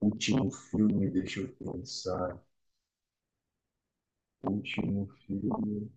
Último filme, deixa eu pensar. Último filme.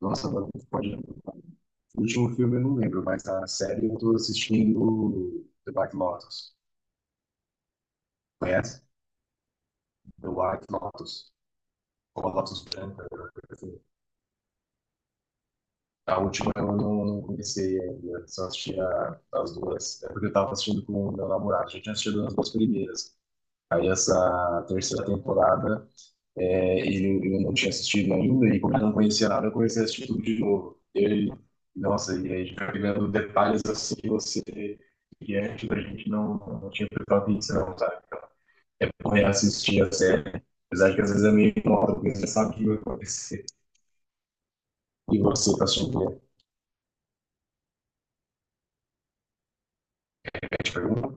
Nossa, agora não pode. O último filme eu não lembro, mas a série eu tô assistindo The White Lotus. Conhece? The White Lotus. Ou a Lotus Branca, alguma coisa assim. A última eu não comecei ainda, só assisti as duas. É porque eu tava assistindo com o meu namorado, já tinha assistido as duas primeiras. Aí essa terceira temporada, é, ele, eu não tinha assistido ainda, e como eu não conhecia nada, eu comecei a assistir tudo de novo. E aí, nossa, e aí a gente vai pegando detalhes assim que você. E antes a gente não tinha prestado atenção, sabe? Então, é bom reassistir a série. Apesar de que às vezes é meio moda, porque você sabe o que vai acontecer. E você está assistindo a gente pergunta,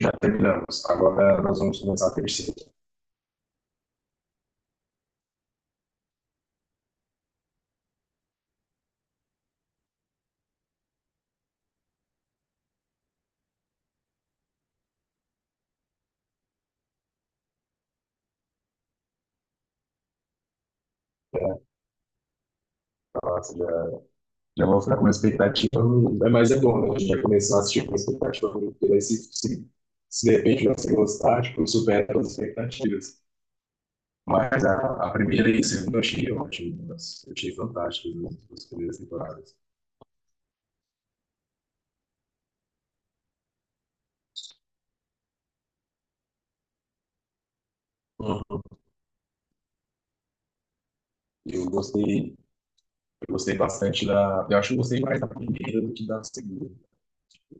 já terminamos. Agora nós vamos começar a terceira. Né? Nossa, já, já vou ficar com uma expectativa, mais é bom, né? A gente vai começar a assistir com uma expectativa, porque daí se de repente você gostar, tipo, supera todas as expectativas. Mas a primeira e a segunda eu achei ótimas, eu achei fantásticas, né, as primeiras temporadas. Uhum. Eu gostei, eu gostei bastante da. Eu acho que eu gostei mais da primeira do que da segunda.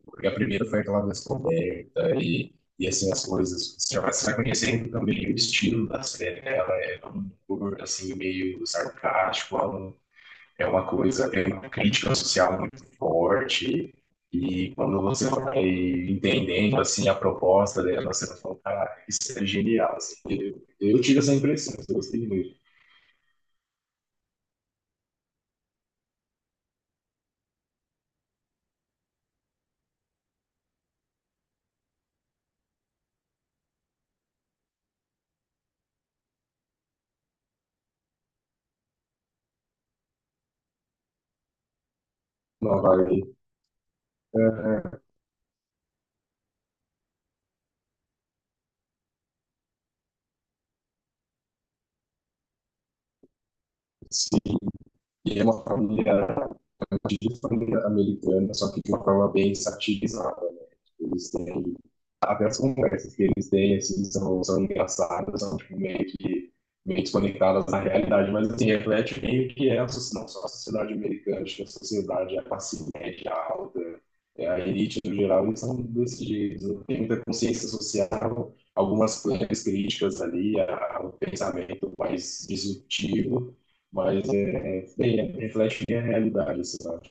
Porque a primeira foi aquela descoberta e assim, as coisas. Você vai conhecendo também o estilo da série, né? Ela é um humor assim, meio sarcástico, ela é uma coisa, é uma crítica social muito forte. E quando você vai entendendo assim a proposta dela, você vai falar, cara, isso é genial, assim. Eu tive essa impressão, eu gostei muito. Não, vai. eh, se e é uma família, é uma típica família americana, só que de uma forma bem satirizada, né? Eles têm, até as conversas que eles têm, assim, são engraçadas, são tipo, meio que meio desconectadas da realidade, mas assim, reflete bem o que é a sociedade, não só a sociedade americana, acho que a sociedade, a classe média alta, é, a elite no geral, eles são desse jeito, não tem muita consciência social, algumas claras críticas ali ao pensamento mais disruptivo, mas reflete bem a realidade, sabe?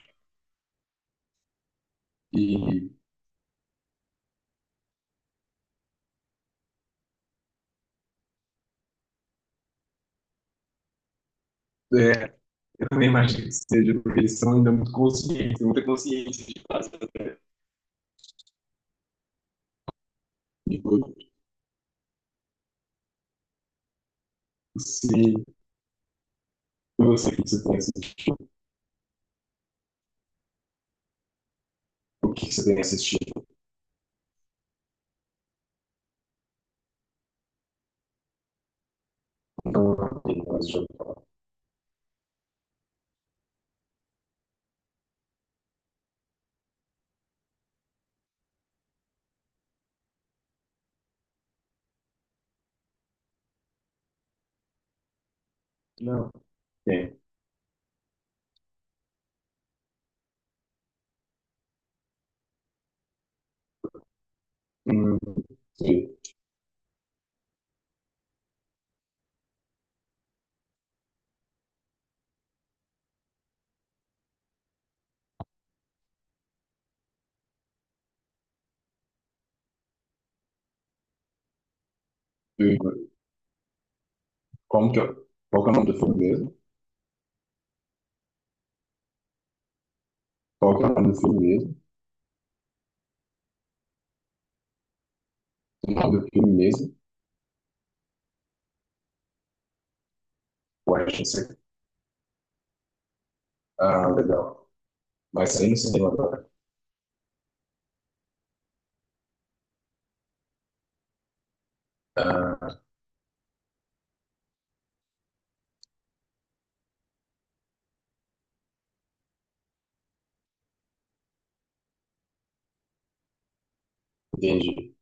E é, eu também imagino que seja porque eles são ainda muito conscientes, muita consciência de casa até. Tipo, se você tem assistido, o que você tem assistido, então, não tem mais jogo. Não, tem. Hum, como que eu, qual que é o nome do filme mesmo? Qual que é o nome do filme mesmo? O nome do filme mesmo? Ué, não sei. Ah, legal. Vai sair no cinema agora. Ah, entendi.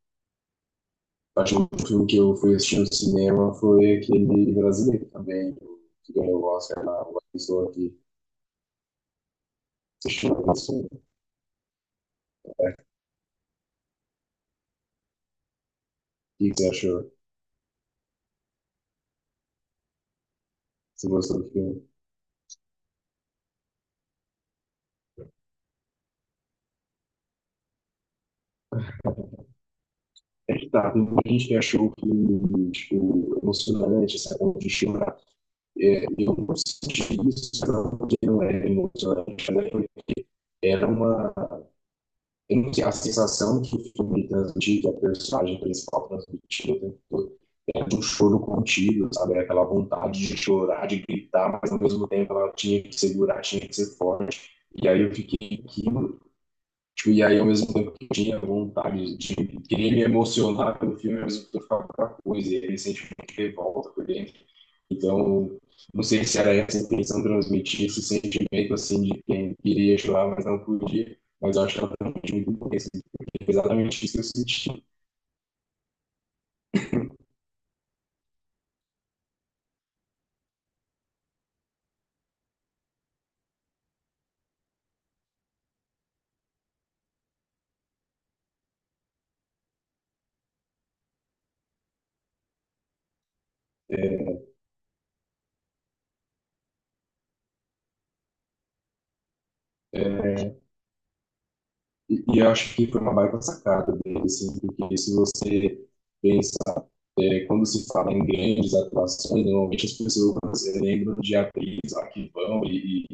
Acho que o filme que eu fui assistir no cinema foi aquele brasileiro também, que ganhou o Oscar lá, uma pessoa que assistiu esse filme. Né? O que você achou? Você gostou do filme? É que tá, tem muita gente que achou o filme, tipo, emocionante, sabe, de chorar. É, eu não senti isso, não, porque não é emocionante, né? Era uma tem que a sensação que o filme transmitir, que a personagem principal transmitiu o tempo todo, é de um choro contido, sabe? É aquela vontade de chorar, de gritar, mas ao mesmo tempo ela tinha que segurar, tinha que ser forte. E aí eu fiquei, que tipo, e aí, ao mesmo tempo que eu tinha vontade de querer me emocionar pelo filme, ao mesmo tempo eu ficava com outra coisa, e aí, recentemente revolta por dentro. Então, não sei se era essa a intenção transmitir esse sentimento assim de quem queria chorar, mas não podia. Mas eu acho que ela transmitiu muito bem, porque é exatamente isso que eu senti. É, e eu acho que foi uma baita sacada dele, assim, porque se você pensa é, quando se fala em grandes atuações, normalmente as pessoas lembram de atrizes lá que vão e,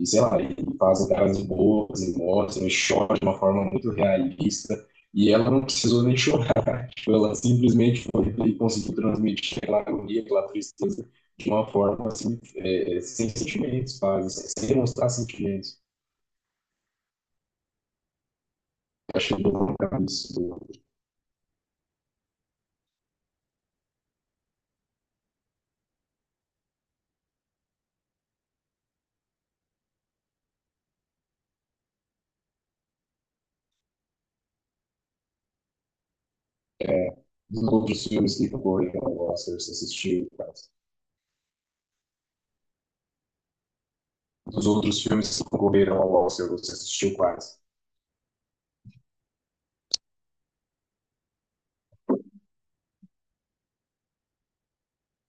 e, sei lá, e fazem caras boas e mostram e choram de uma forma muito realista. E ela não precisou nem chorar. Tipo, ela simplesmente foi e conseguiu transmitir aquela agonia, aquela tristeza de uma forma assim, sem sentimentos, quase, sem demonstrar sentimentos. Achei bem isso do, é, dos outros filmes que concorreram ao Oscar, se assistiu, quase. Dos outros filmes que concorreram ao Oscar, você assistiu quase.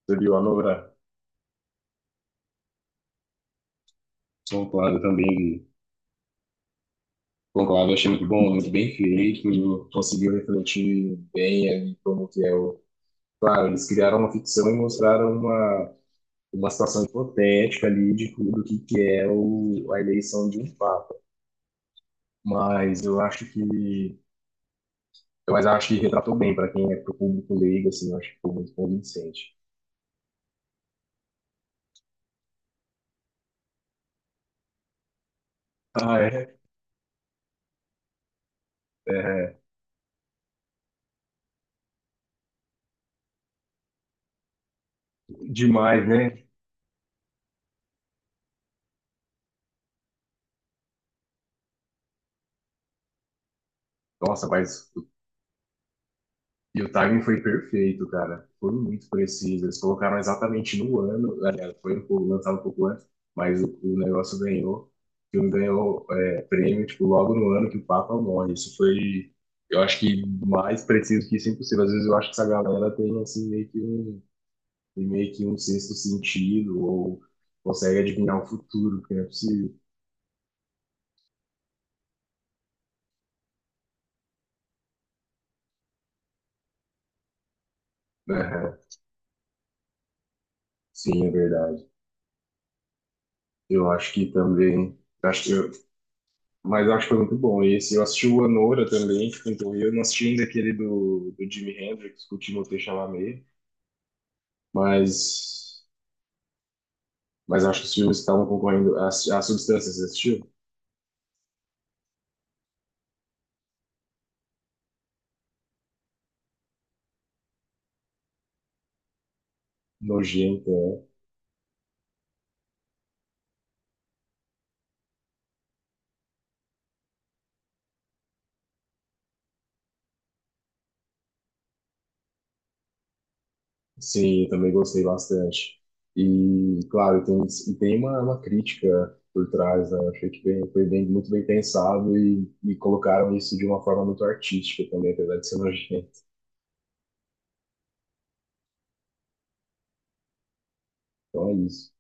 Você viu a Nora? Sou claro, também concordo, achei muito bom, muito bem feito, conseguiu refletir bem ali como que é o... Claro, eles criaram uma ficção e mostraram uma situação hipotética ali de tudo que é o, a eleição de um papa. Mas eu acho que... Mas eu acho que retratou bem para quem é pro público leigo, assim, eu acho que foi muito convincente. Ah, é? É demais, né? Nossa, mas e o timing foi perfeito, cara. Foi muito preciso. Eles colocaram exatamente no ano. Aliás, foi um pouco, lançado um pouco antes, mas o negócio ganhou. O filme ganhou é, prêmio, tipo, logo no ano que o Papa morre. Isso foi, eu acho que mais preciso que isso é impossível. Às vezes eu acho que essa galera tem, assim, meio que um, tem meio que um sexto sentido ou consegue adivinhar o futuro, que não é possível. Aham. Sim, é verdade. Eu acho que também. Acho que eu, mas eu acho que foi muito bom esse. Eu assisti o Anora também, que pintou o Rio. Eu não assisti ainda aquele do Jimi Hendrix, com o Timothée Chalamet, mas, mas acho que os filmes que estavam concorrendo. A Substância, você assistiu? Nojenta, né? Sim, eu também gostei bastante. E, claro, tem, e tem uma crítica por trás, né? Eu achei que bem, foi bem, muito bem pensado e colocaram isso de uma forma muito artística também, apesar de ser nojento. Então é isso.